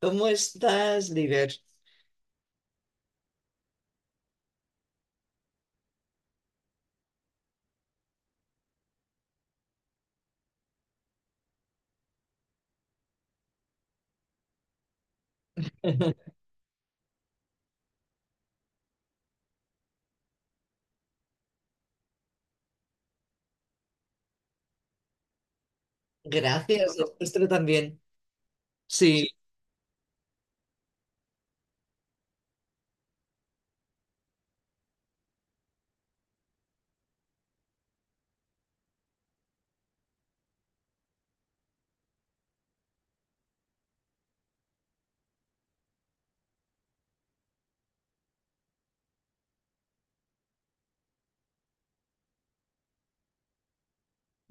¿Cómo estás, líder? Gracias, el también. Sí.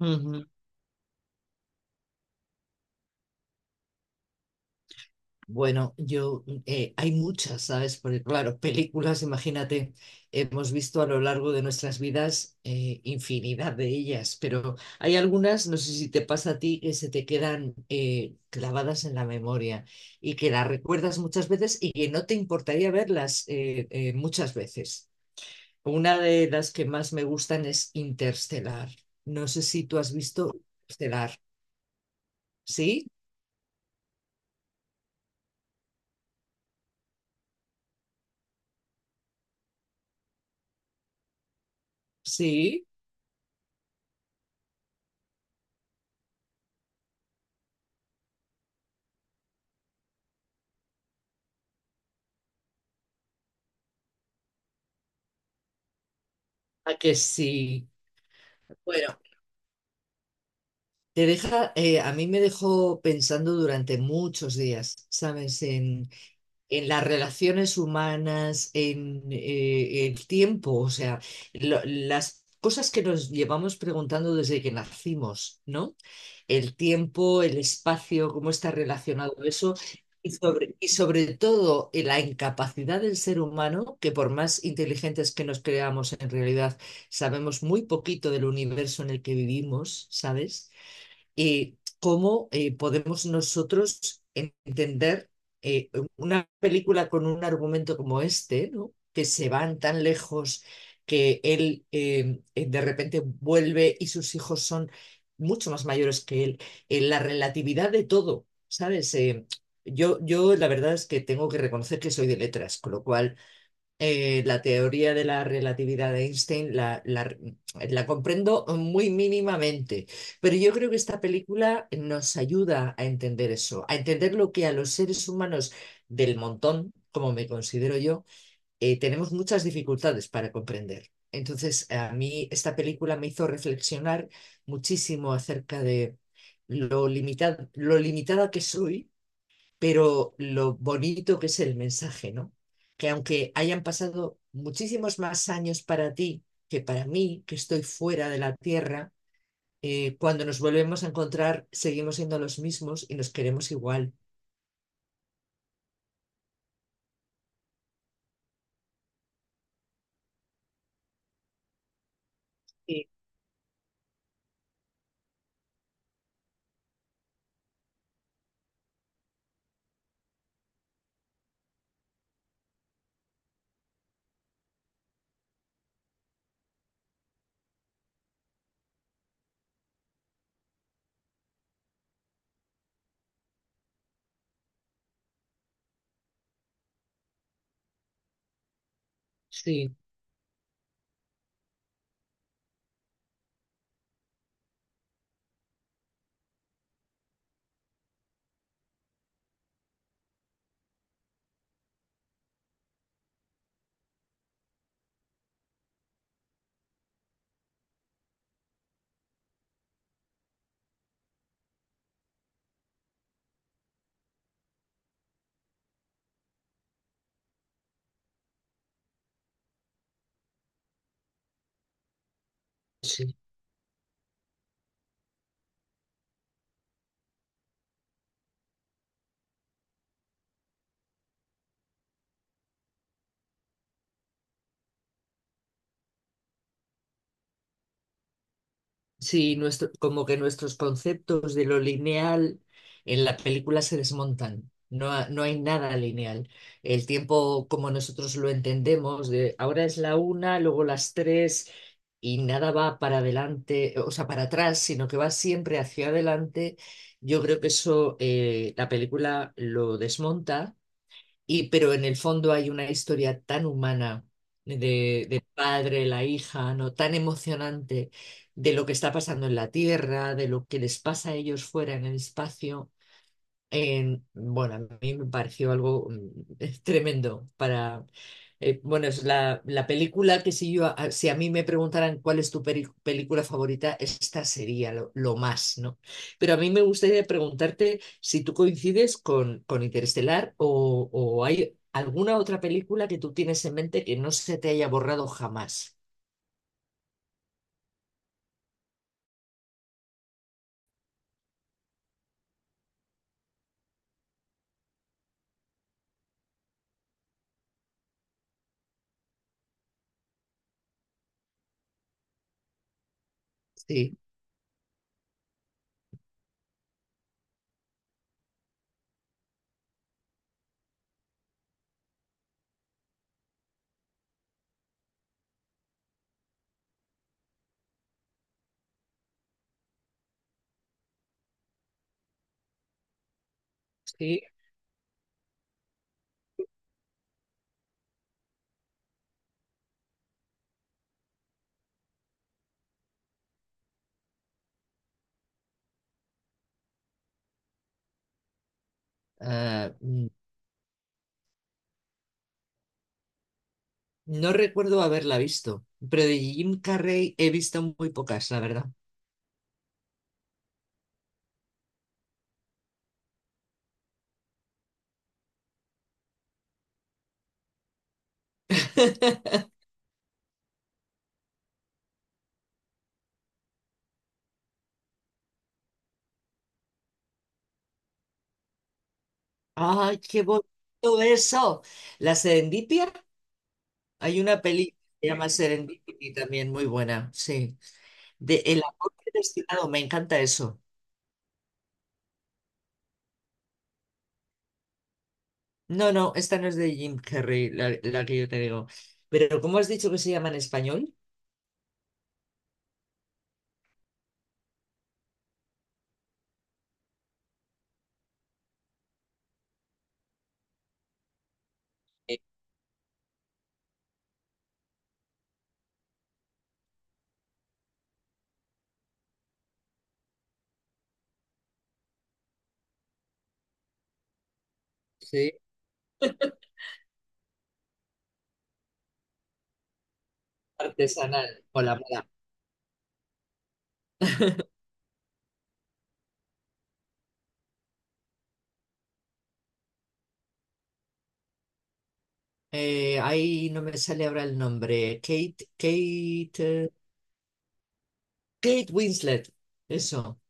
Ujú. Bueno, yo, hay muchas, ¿sabes? Porque claro, películas, imagínate, hemos visto a lo largo de nuestras vidas infinidad de ellas, pero hay algunas, no sé si te pasa a ti, que se te quedan clavadas en la memoria y que las recuerdas muchas veces y que no te importaría verlas muchas veces. Una de las que más me gustan es Interstellar. No sé si tú has visto Interstellar. ¿Sí? ¿Sí? ¿A que sí? Bueno, te deja, a mí me dejó pensando durante muchos días, ¿sabes? En las relaciones humanas, en el tiempo, o sea, las cosas que nos llevamos preguntando desde que nacimos, ¿no? El tiempo, el espacio, cómo está relacionado eso. Y sobre todo la incapacidad del ser humano, que por más inteligentes que nos creamos, en realidad sabemos muy poquito del universo en el que vivimos, ¿sabes? Cómo podemos nosotros entender eh, una película con un argumento como este, ¿no? Que se van tan lejos que él de repente vuelve y sus hijos son mucho más mayores que él. La relatividad de todo, ¿sabes? Yo, la verdad es que tengo que reconocer que soy de letras, con lo cual la teoría de la relatividad de Einstein la comprendo muy mínimamente, pero yo creo que esta película nos ayuda a entender eso, a entender lo que a los seres humanos del montón, como me considero yo, tenemos muchas dificultades para comprender. Entonces, a mí esta película me hizo reflexionar muchísimo acerca de lo limitada que soy, pero lo bonito que es el mensaje, ¿no? Que aunque hayan pasado muchísimos más años para ti que para mí, que estoy fuera de la Tierra, cuando nos volvemos a encontrar seguimos siendo los mismos y nos queremos igual. Sí, sí, sí. Sí, nuestro, como que nuestros conceptos de lo lineal en la película se desmontan. No, no hay nada lineal. El tiempo, como nosotros lo entendemos, de ahora es la una, luego las tres, y nada va para adelante, o sea, para atrás, sino que va siempre hacia adelante. Yo creo que eso, la película lo desmonta y, pero en el fondo hay una historia tan humana de, del padre, la hija, ¿no? Tan emocionante de lo que está pasando en la Tierra, de lo que les pasa a ellos fuera en el espacio. Bueno, a mí me pareció algo tremendo para... bueno, es la, la película que si yo, si a mí me preguntaran cuál es tu película favorita, esta sería lo más, ¿no? Pero a mí me gustaría preguntarte si tú coincides con Interestelar o hay alguna otra película que tú tienes en mente que no se te haya borrado jamás. Sí, sí. Ah, mm, no recuerdo haberla visto, pero de Jim Carrey he visto muy pocas, la verdad. Ay, qué bonito eso. La Serendipia. Hay una película que se llama Serendipity también muy buena. Sí. De El amor predestinado. Me encanta eso. No, no, esta no es de Jim Carrey, la que yo te digo. Pero ¿cómo has dicho que se llama en español? Eh, Sí. Artesanal o la moda. Ahí no me sale ahora el nombre. Kate, Kate, Kate Winslet. Eso.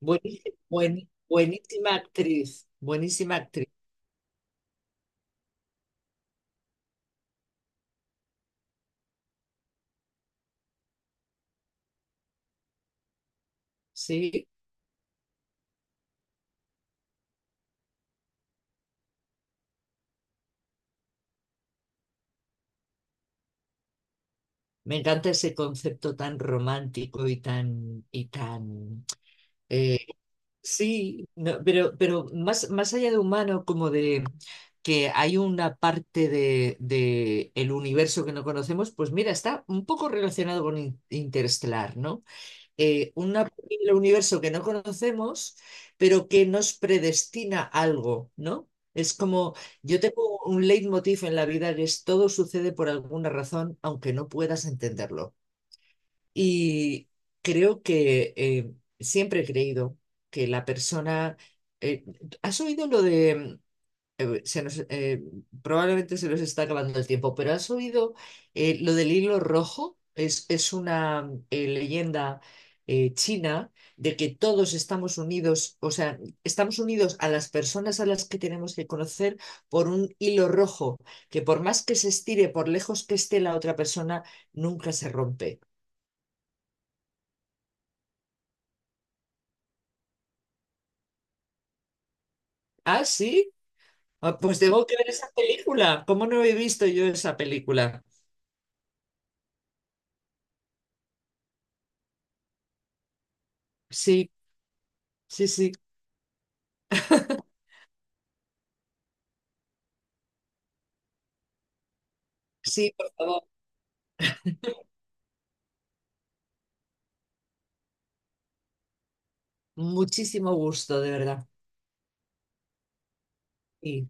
Buenísima, buen, buenísima actriz. Buenísima actriz. Sí, me encanta ese concepto tan romántico y tan, eh, sí, no, pero más, más allá de humano, como de que hay una parte de el universo que no conocemos, pues mira, está un poco relacionado con Interestelar, ¿no? Una posible universo que no conocemos, pero que nos predestina algo, ¿no? Es como, yo tengo un leitmotiv en la vida que es todo sucede por alguna razón, aunque no puedas entenderlo. Y creo que siempre he creído que la persona... eh, ¿has oído lo de se nos, probablemente se nos está acabando el tiempo, pero ¿has oído lo del hilo rojo? Es una leyenda china de que todos estamos unidos, o sea, estamos unidos a las personas a las que tenemos que conocer por un hilo rojo, que por más que se estire, por lejos que esté la otra persona, nunca se rompe. ¿Ah, sí? Ah, pues tengo que ver esa película. ¿Cómo no he visto yo esa película? Sí, sí, sí. Sí, por favor. Muchísimo gusto, de verdad. Y